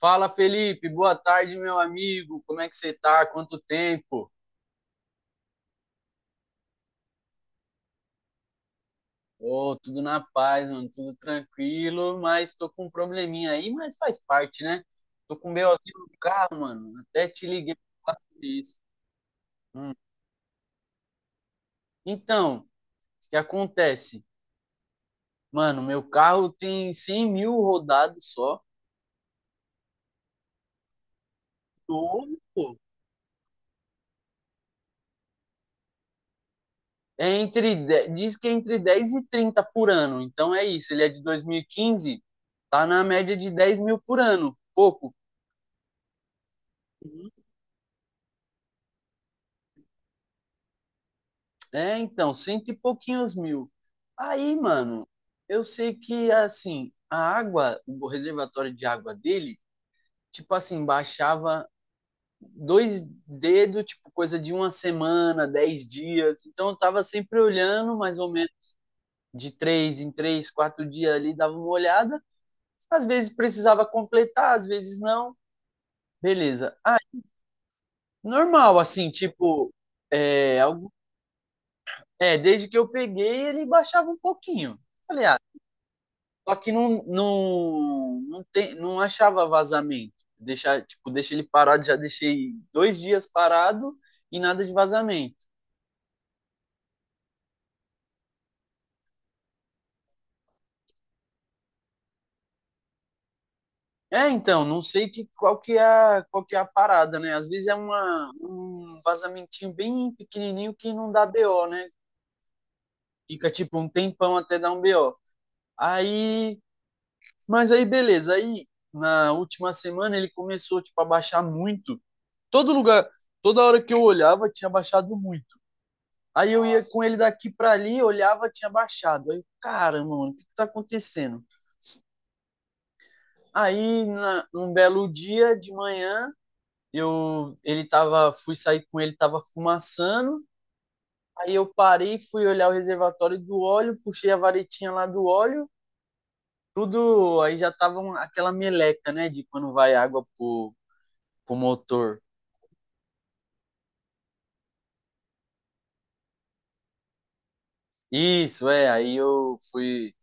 Fala, Felipe. Boa tarde, meu amigo. Como é que você tá? Quanto tempo? Ô, tudo na paz, mano. Tudo tranquilo, mas tô com um probleminha aí, mas faz parte, né? Tô com um BOzinho no carro, mano. Até te liguei pra falar sobre isso. Hum. Então, o que acontece? Mano, meu carro tem 100 mil rodados só. Novo, pô. Diz que é entre 10 e 30 por ano. Então é isso. Ele é de 2015. Tá na média de 10 mil por ano. Pouco. É, então, cento e pouquinhos mil. Aí, mano, eu sei que, assim, a água, o reservatório de água dele, tipo assim, baixava 2 dedos, tipo, coisa de uma semana, 10 dias. Então, eu tava sempre olhando, mais ou menos, de três em três, 4 dias ali, dava uma olhada. Às vezes precisava completar, às vezes não. Beleza. Aí, normal, assim, tipo, é, algo- desde que eu peguei, ele baixava um pouquinho. Falei, ah, só que não achava vazamento. Deixei ele parado, já deixei 2 dias parado e nada de vazamento. É, então, não sei que, qual, que é, a- qual que é a parada, né? Às vezes é um vazamentinho bem pequenininho que não dá BO, né? Fica tipo um tempão até dar um BO. Aí, mas aí beleza. Aí na última semana ele começou tipo a baixar muito. Todo lugar, toda hora que eu olhava tinha baixado muito. Aí eu ia com ele daqui para ali, olhava, tinha baixado. Aí, caramba, mano, o que que tá acontecendo? Aí, num belo dia de manhã, fui sair com ele, tava fumaçando. Aí eu parei, fui olhar o reservatório do óleo, puxei a varetinha lá do óleo, tudo, aí já tava aquela meleca, né, de quando vai água pro motor. Isso, é, aí eu fui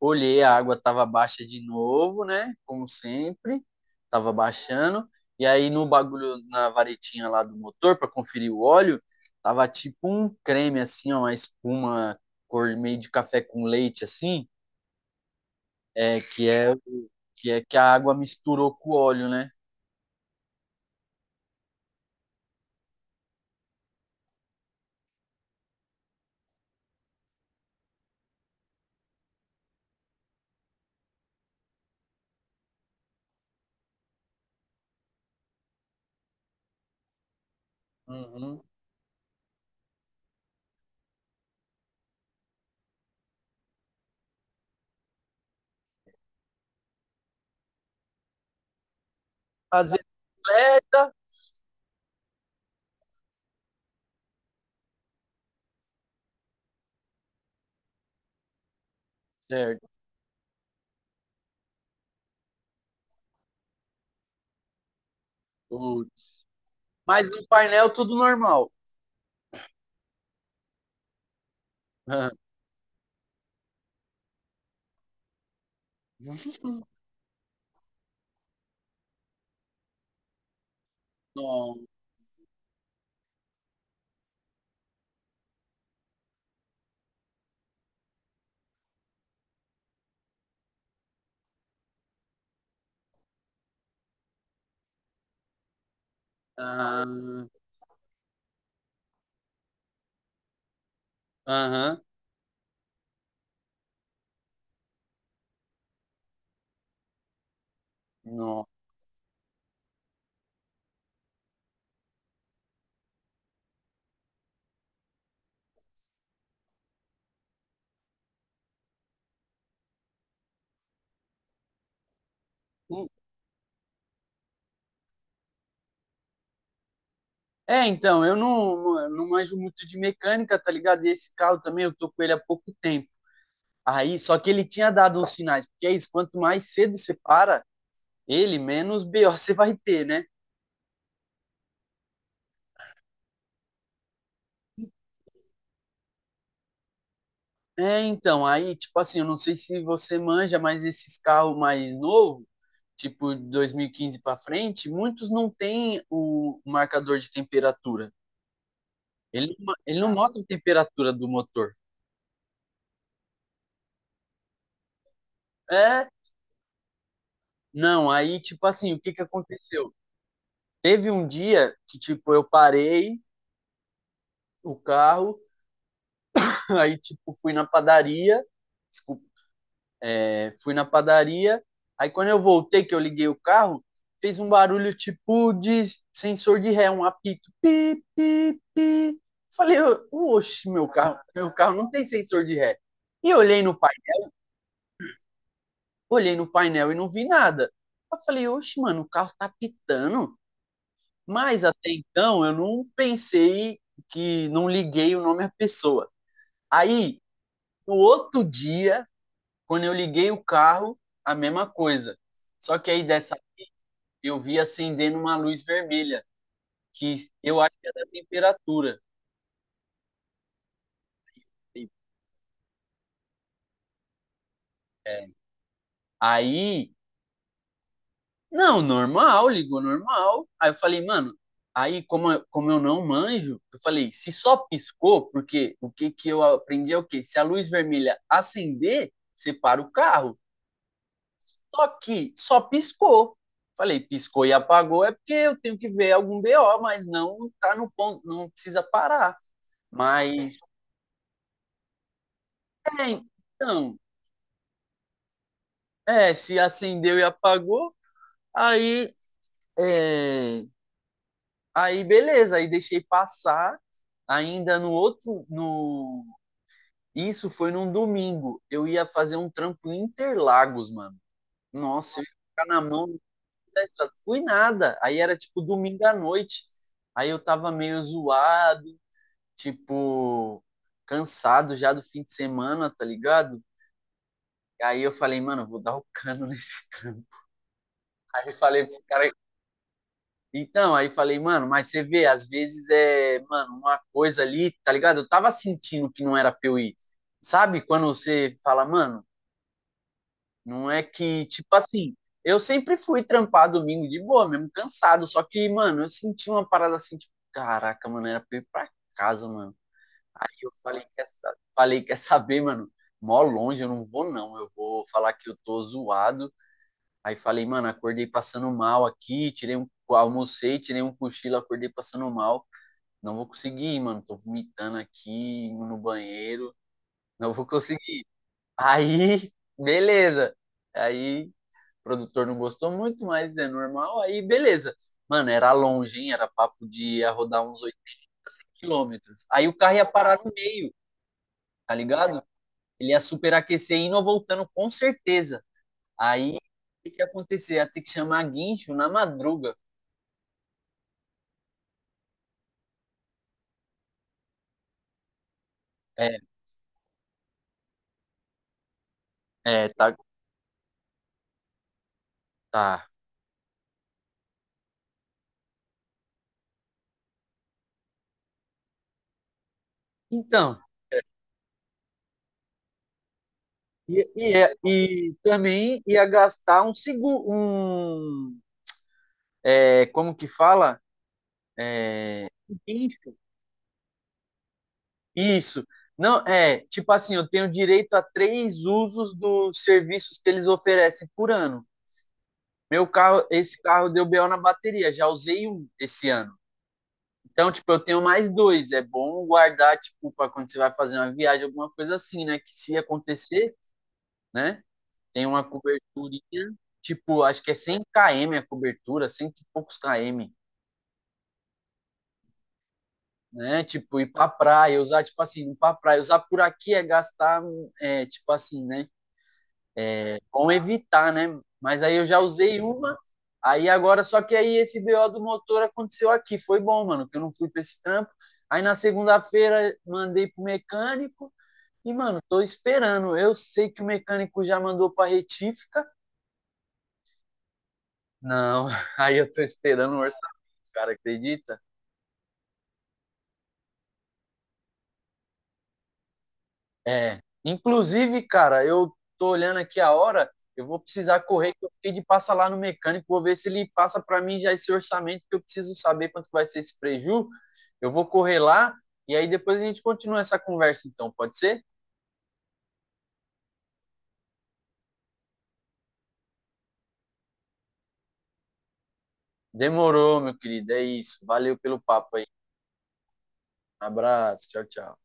olhei, a água estava baixa de novo, né? Como sempre, estava baixando. E aí no bagulho, na varetinha lá do motor, para conferir o óleo, tava tipo um creme, assim, ó, uma espuma cor meio de café com leite, assim, é, que, é, o- que é que a água misturou com o óleo, né? Uhum. Às vezes completa, certo. Putz. Mas no painel tudo normal. Aham. Não. Ah, aham. Não. É, então, eu não manjo muito de mecânica, tá ligado? E esse carro também, eu tô com ele há pouco tempo. Aí, só que ele tinha dado uns sinais, porque é isso, quanto mais cedo você para ele, menos BO você vai ter, né? É, então, aí, tipo assim, eu não sei se você manja, mas esses carros mais novos, tipo de 2015 para frente, muitos não têm o marcador de temperatura. Ele não mostra a temperatura do motor. É, não, aí, tipo assim, o que que aconteceu? Teve um dia que, tipo, eu parei o carro, aí, tipo, fui na padaria, desculpa, fui na padaria, aí quando eu voltei, que eu liguei o carro, fez um barulho, tipo, de sensor de ré, um apito, pi, pi, pi. Falei, oxe, meu carro, meu carro não tem sensor de ré. E eu olhei no painel e não vi nada. Eu falei, oxe, mano, o carro tá pitando. Mas até então eu não pensei que não liguei o nome à pessoa. Aí, no outro dia, quando eu liguei o carro, a mesma coisa. Só que aí dessa eu vi acendendo uma luz vermelha, que eu acho que é da temperatura. É, aí, não, normal, ligou normal. Aí eu falei, mano, aí como, como eu não manjo, eu falei, se só piscou, porque o que que eu aprendi é o quê? Se a luz vermelha acender, você para o carro. Só que só piscou. Falei, piscou e apagou é porque eu tenho que ver algum BO, mas não tá no ponto, não precisa parar. Mas, é, então, se acendeu e apagou, aí, é, aí, beleza, aí deixei passar. Ainda no outro, no Isso foi num domingo. Eu ia fazer um trampo em Interlagos, mano. Nossa, eu ia ficar na mão da estrada. Fui nada. Aí era tipo domingo à noite. Aí eu tava meio zoado, tipo, cansado já do fim de semana, tá ligado? Aí eu falei, mano, eu vou dar o cano nesse trampo. Aí eu falei pros caras. Então, aí falei, mano, mas você vê, às vezes é, mano, uma coisa ali, tá ligado? Eu tava sentindo que não era pra eu ir. Sabe quando você fala, mano? Não é que, tipo assim, eu sempre fui trampar domingo de boa, mesmo cansado. Só que, mano, eu senti uma parada assim, tipo, caraca, mano, era pra ir pra casa, mano. Aí eu falei, quer saber, mano? Mó longe, eu não vou, não. Eu vou falar que eu tô zoado. Aí falei, mano, acordei passando mal aqui, tirei um, almocei, tirei um cochilo, acordei passando mal. Não vou conseguir ir, mano. Tô vomitando aqui, no banheiro. Não vou conseguir. Aí, beleza. Aí o produtor não gostou muito, mas é normal. Aí, beleza. Mano, era longe, hein? Era papo de ia rodar uns 8 km. Aí o carro ia parar no meio, tá ligado? Ele ia superaquecer indo ou voltando, com certeza. Aí, o que ia acontecer? Ia ter que chamar guincho na madruga. É, é, tá, tá. Então, e também ia gastar um segundo, um, é, como que fala? Um guincho. Isso. Não, é, tipo assim, eu tenho direito a 3 usos dos serviços que eles oferecem por ano. Meu carro, esse carro deu BO na bateria, já usei um esse ano. Então, tipo, eu tenho mais dois. É bom guardar, tipo, para quando você vai fazer uma viagem, alguma coisa assim, né? Que se acontecer, né? Tem uma coberturinha, tipo, acho que é 100 km a cobertura, 100 e poucos km, né? Tipo, ir pra praia, usar, tipo assim, ir pra praia, usar por aqui é gastar, é, tipo assim, né? Bom evitar, né? Mas aí eu já usei uma, aí agora, só que aí esse BO do motor aconteceu aqui. Foi bom, mano, que eu não fui pra esse trampo. Aí na segunda-feira mandei pro mecânico e, mano, tô esperando. Eu sei que o mecânico já mandou pra retífica. Não, aí eu tô esperando o orçamento, cara, acredita? É. Inclusive, cara, eu tô olhando aqui a hora, eu vou precisar correr, que eu fiquei de passar lá no mecânico, vou ver se ele passa para mim já esse orçamento, que eu preciso saber quanto vai ser esse preju. Eu vou correr lá e aí depois a gente continua essa conversa, então, pode ser? Demorou, meu querido, é isso. Valeu pelo papo aí. Abraço, tchau, tchau.